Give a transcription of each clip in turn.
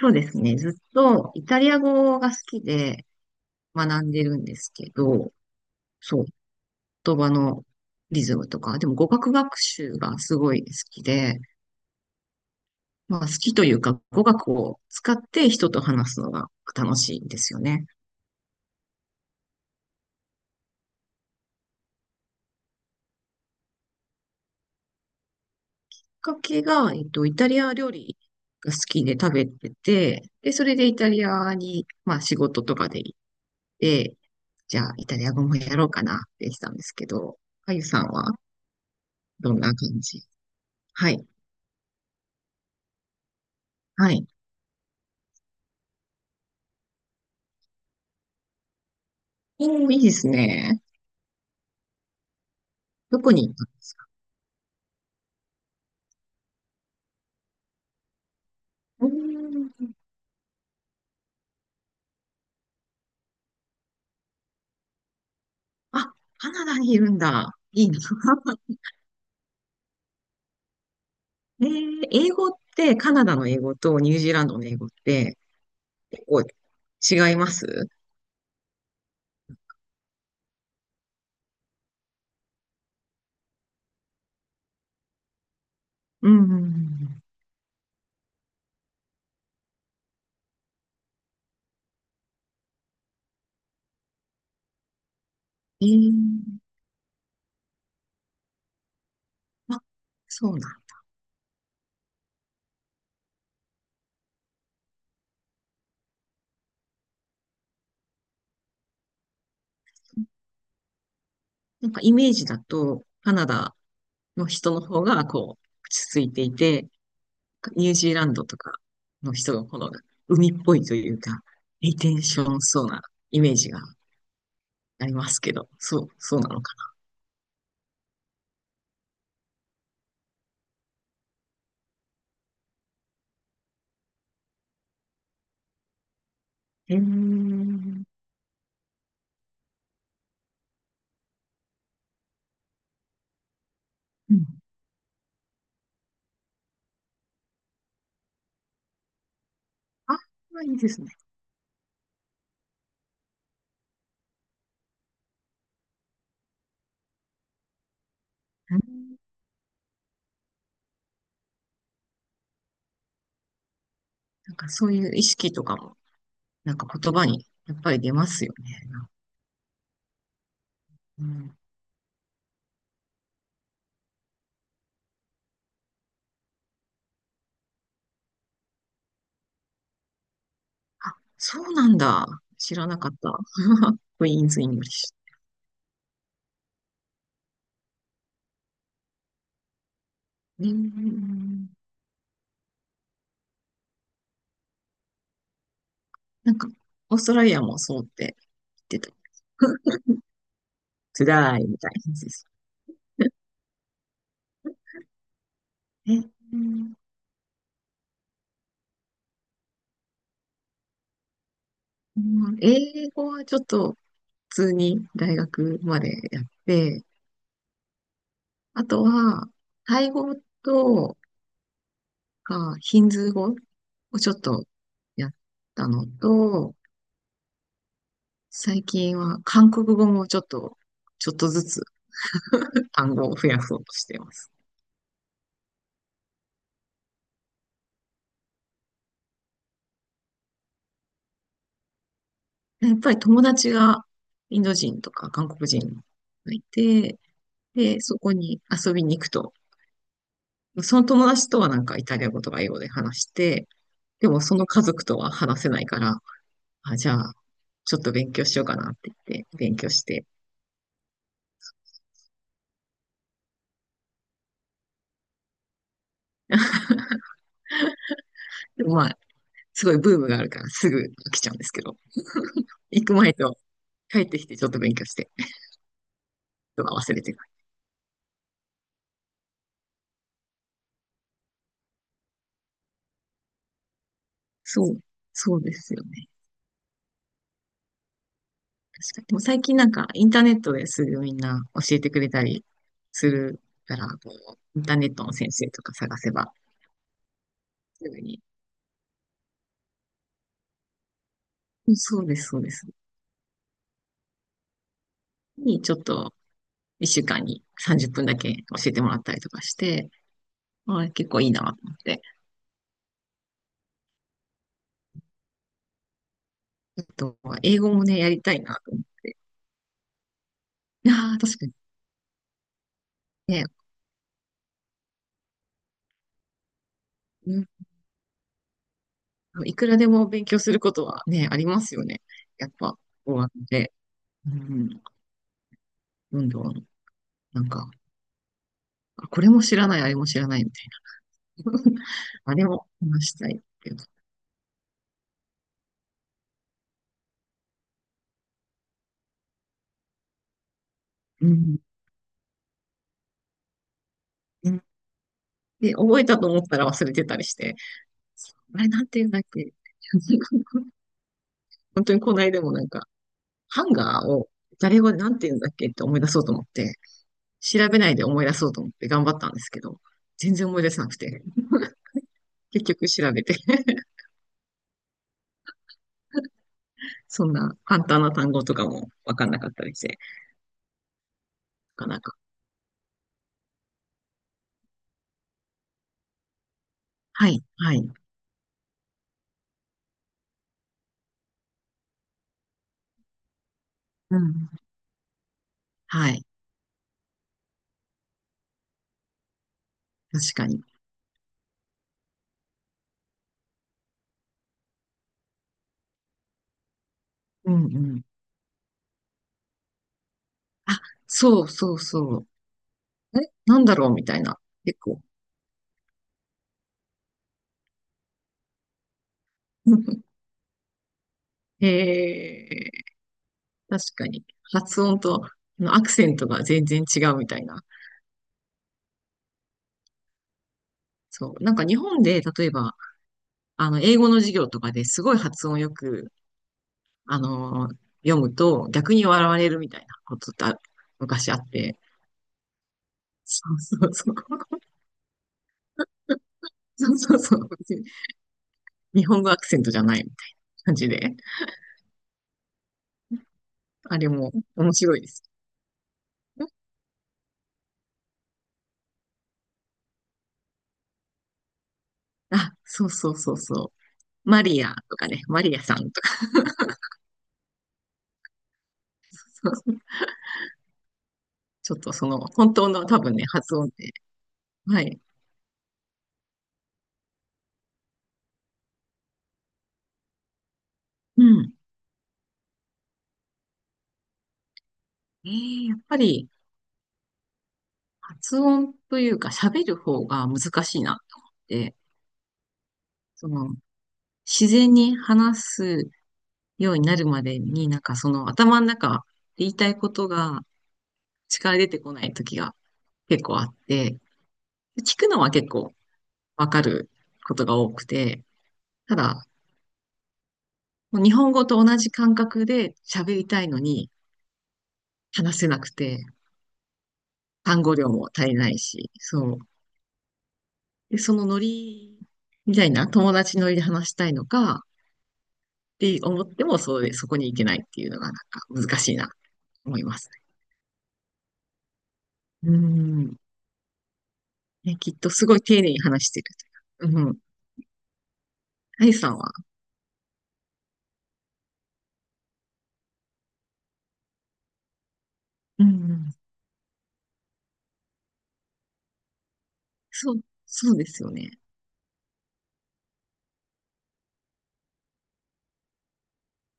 そうですね。ずっとイタリア語が好きで学んでるんですけど、そう、言葉のリズムとか、でも語学学習がすごい好きで、まあ好きというか語学を使って人と話すのが楽しいんですよね。きっかけが、イタリア料理が好きで食べてて、で、それでイタリアに、まあ仕事とかで行って、じゃあイタリア語もやろうかなってしたんですけど、あゆさんはどんな感じ？はい、はい。おー、いいですね。どこに行ったんですか？うーん。あ、カナダにいるんだ。いいな。英語って、カナダの英語とニュージーランドの英語って結構違います？うんうんうん。えー、あ、そうなん。なんかイメージだと、カナダの人の方がこう、落ち着いていて、ニュージーランドとかの人の方が海っぽいというか、リテンションそうなイメージがありますけど、そう、そうなのか。うん。あ、いいですね。うん。なんかそういう意識とかも、なんか言葉にやっぱり出ますよね。うん。あ、そうなんだ。知らなかった。クイーンズ・イングリッシュ。うん。なんか、オーストラリアもそうって言ってた。つらいみたいな感じです。うん。英語はちょっと普通に大学までやって、あとは、タイ語とか、ヒンズー語をちょっとやったのと、最近は韓国語もちょっと、ちょっとずつ単語を増やそうとしています。やっぱり友達がインド人とか韓国人がいて、で、そこに遊びに行くと、その友達とはなんかイタリア語とか英語で話して、でもその家族とは話せないから、あ、じゃあ、ちょっと勉強しようかなって言って、勉強して。でもまあ、すごいブームがあるからすぐ飽きちゃうんですけど、行く前と帰ってきてちょっと勉強して。とか忘れてない。そう、そうですよね。確かに。でも最近なんかインターネットですぐみんな教えてくれたりするから、こう、インターネットの先生とか探せば、すぐに。うんそうです、そうです。に、ちょっと、一週間に30分だけ教えてもらったりとかして、あー結構いいなと思って。あと、英語もね、やりたいなと思って。いやー確かにね、うん、いくらでも勉強することはね、ありますよね。やっぱ、語学で、うん、どんどん、なんか、あこれも知らない、あれも知らないみたいな。あれも話したいってうん。うんで、覚えたと思ったら忘れてたりして、あれなんて言うんだっけ？ 本当にこの間もなんか、ハンガーを誰がなんて言うんだっけって思い出そうと思って、調べないで思い出そうと思って頑張ったんですけど、全然思い出せなくて、結局調べて そんな簡単な単語とかもわかんなかったりして、なかなか。はい、はい。うん。はい。確かに。うん、うん。あ、そうそうそう。え、なんだろうみたいな、結構。へー確かに。発音とアクセントが全然違うみたいな。そう。なんか日本で、例えば、英語の授業とかですごい発音よく、あのー読むと逆に笑われるみたいなことって昔あって。そうそうそう。そうそうそう。別に日本語アクセントじゃないみたいな感じで。あれも面白いです。あ、そうそうそうそう。マリアとかね、マリアさんとか。ちょっと本当の多分ね、発音で。はい。うん。やっぱり、発音というか、喋る方が難しいなと思って、その、自然に話すようになるまでに、なんか頭の中、言いたいことが力出てこない時が結構あって、聞くのは結構わかることが多くて、ただ、もう日本語と同じ感覚で喋りたいのに話せなくて、単語量も足りないし、そう。で、そのノリみたいな友達ノリで話したいのかって思っても、そうで、そこに行けないっていうのがなんか難しいなと思いますね。うん。ね、きっとすごい丁寧に話してるというか。うん。あゆさんは、うんうん、そう、そうですよね。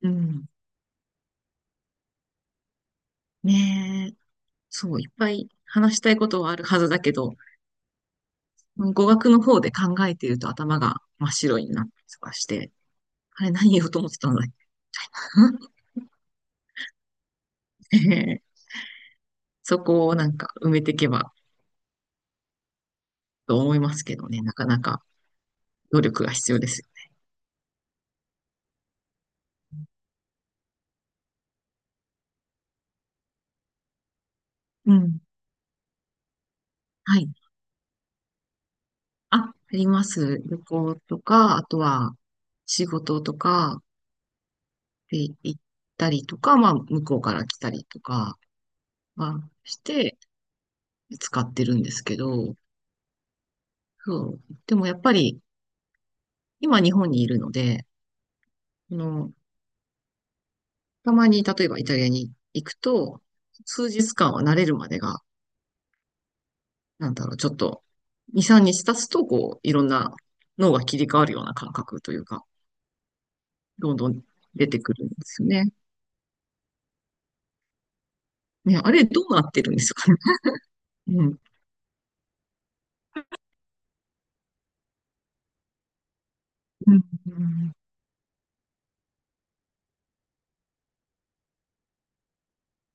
うん。ねえ。そう、いっぱい話したいことはあるはずだけど、語学の方で考えていると頭が真っ白になったりとかして、あれ何言おうと思ってたんだっけ？ ええ、そこをなんか埋めていけばと思いますけどね、なかなか努力が必要ですよ。うん。はい。あ、あります。旅行とか、あとは仕事とかで行ったりとか、まあ、向こうから来たりとかはして使ってるんですけど、そう。でもやっぱり、今日本にいるので、あの、たまに例えばイタリアに行くと、数日間は慣れるまでが、なんだろう、ちょっと、2、3日経つと、こう、いろんな脳が切り替わるような感覚というか、どんどん出てくるんですよね。ね、あれどうなってるんですかね。うん。うん、うん。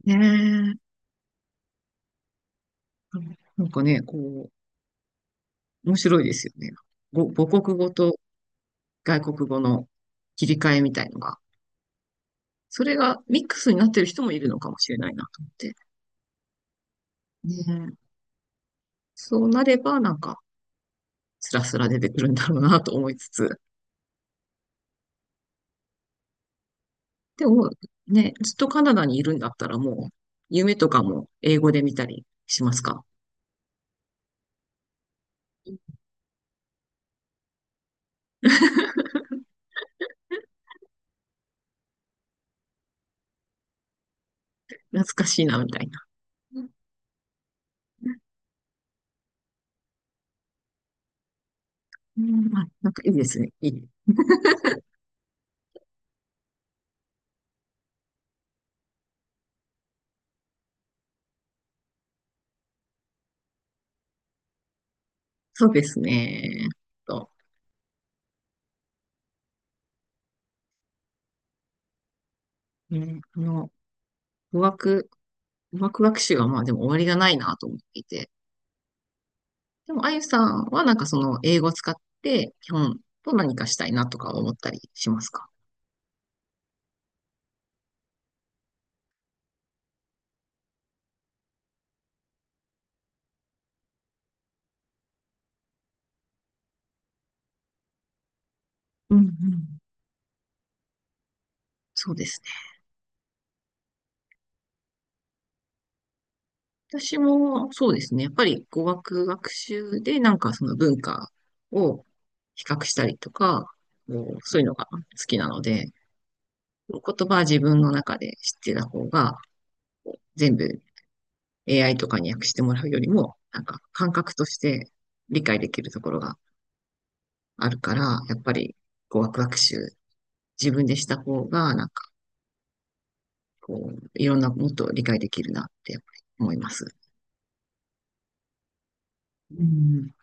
ねえ。なんかね、こう、面白いですよね。ご母国語と外国語の切り替えみたいのが。それがミックスになってる人もいるのかもしれないなと思って。ね。そうなれば、なんか、スラスラ出てくるんだろうなと思いつつ。でも、ね、ずっとカナダにいるんだったらもう、夢とかも英語で見たりしますか？懐かしいな、みたいな。うん、あ、なんかいいですね。いい。そうですね。と、ね、語学、語学学習はまあでも終わりがないなと思っていて。でも、あゆさんはなんかその英語を使って基本と何かしたいなとか思ったりしますか？うんうん。そうですね。私もそうですね。やっぱり語学学習でなんかその文化を比較したりとか、こうそういうのが好きなので、言葉は自分の中で知ってた方が、こう全部 AI とかに訳してもらうよりも、なんか感覚として理解できるところがあるから、やっぱりこうワクワク集、自分でした方が、なんかこう、いろんなもっと理解できるなってやっぱり思います。うん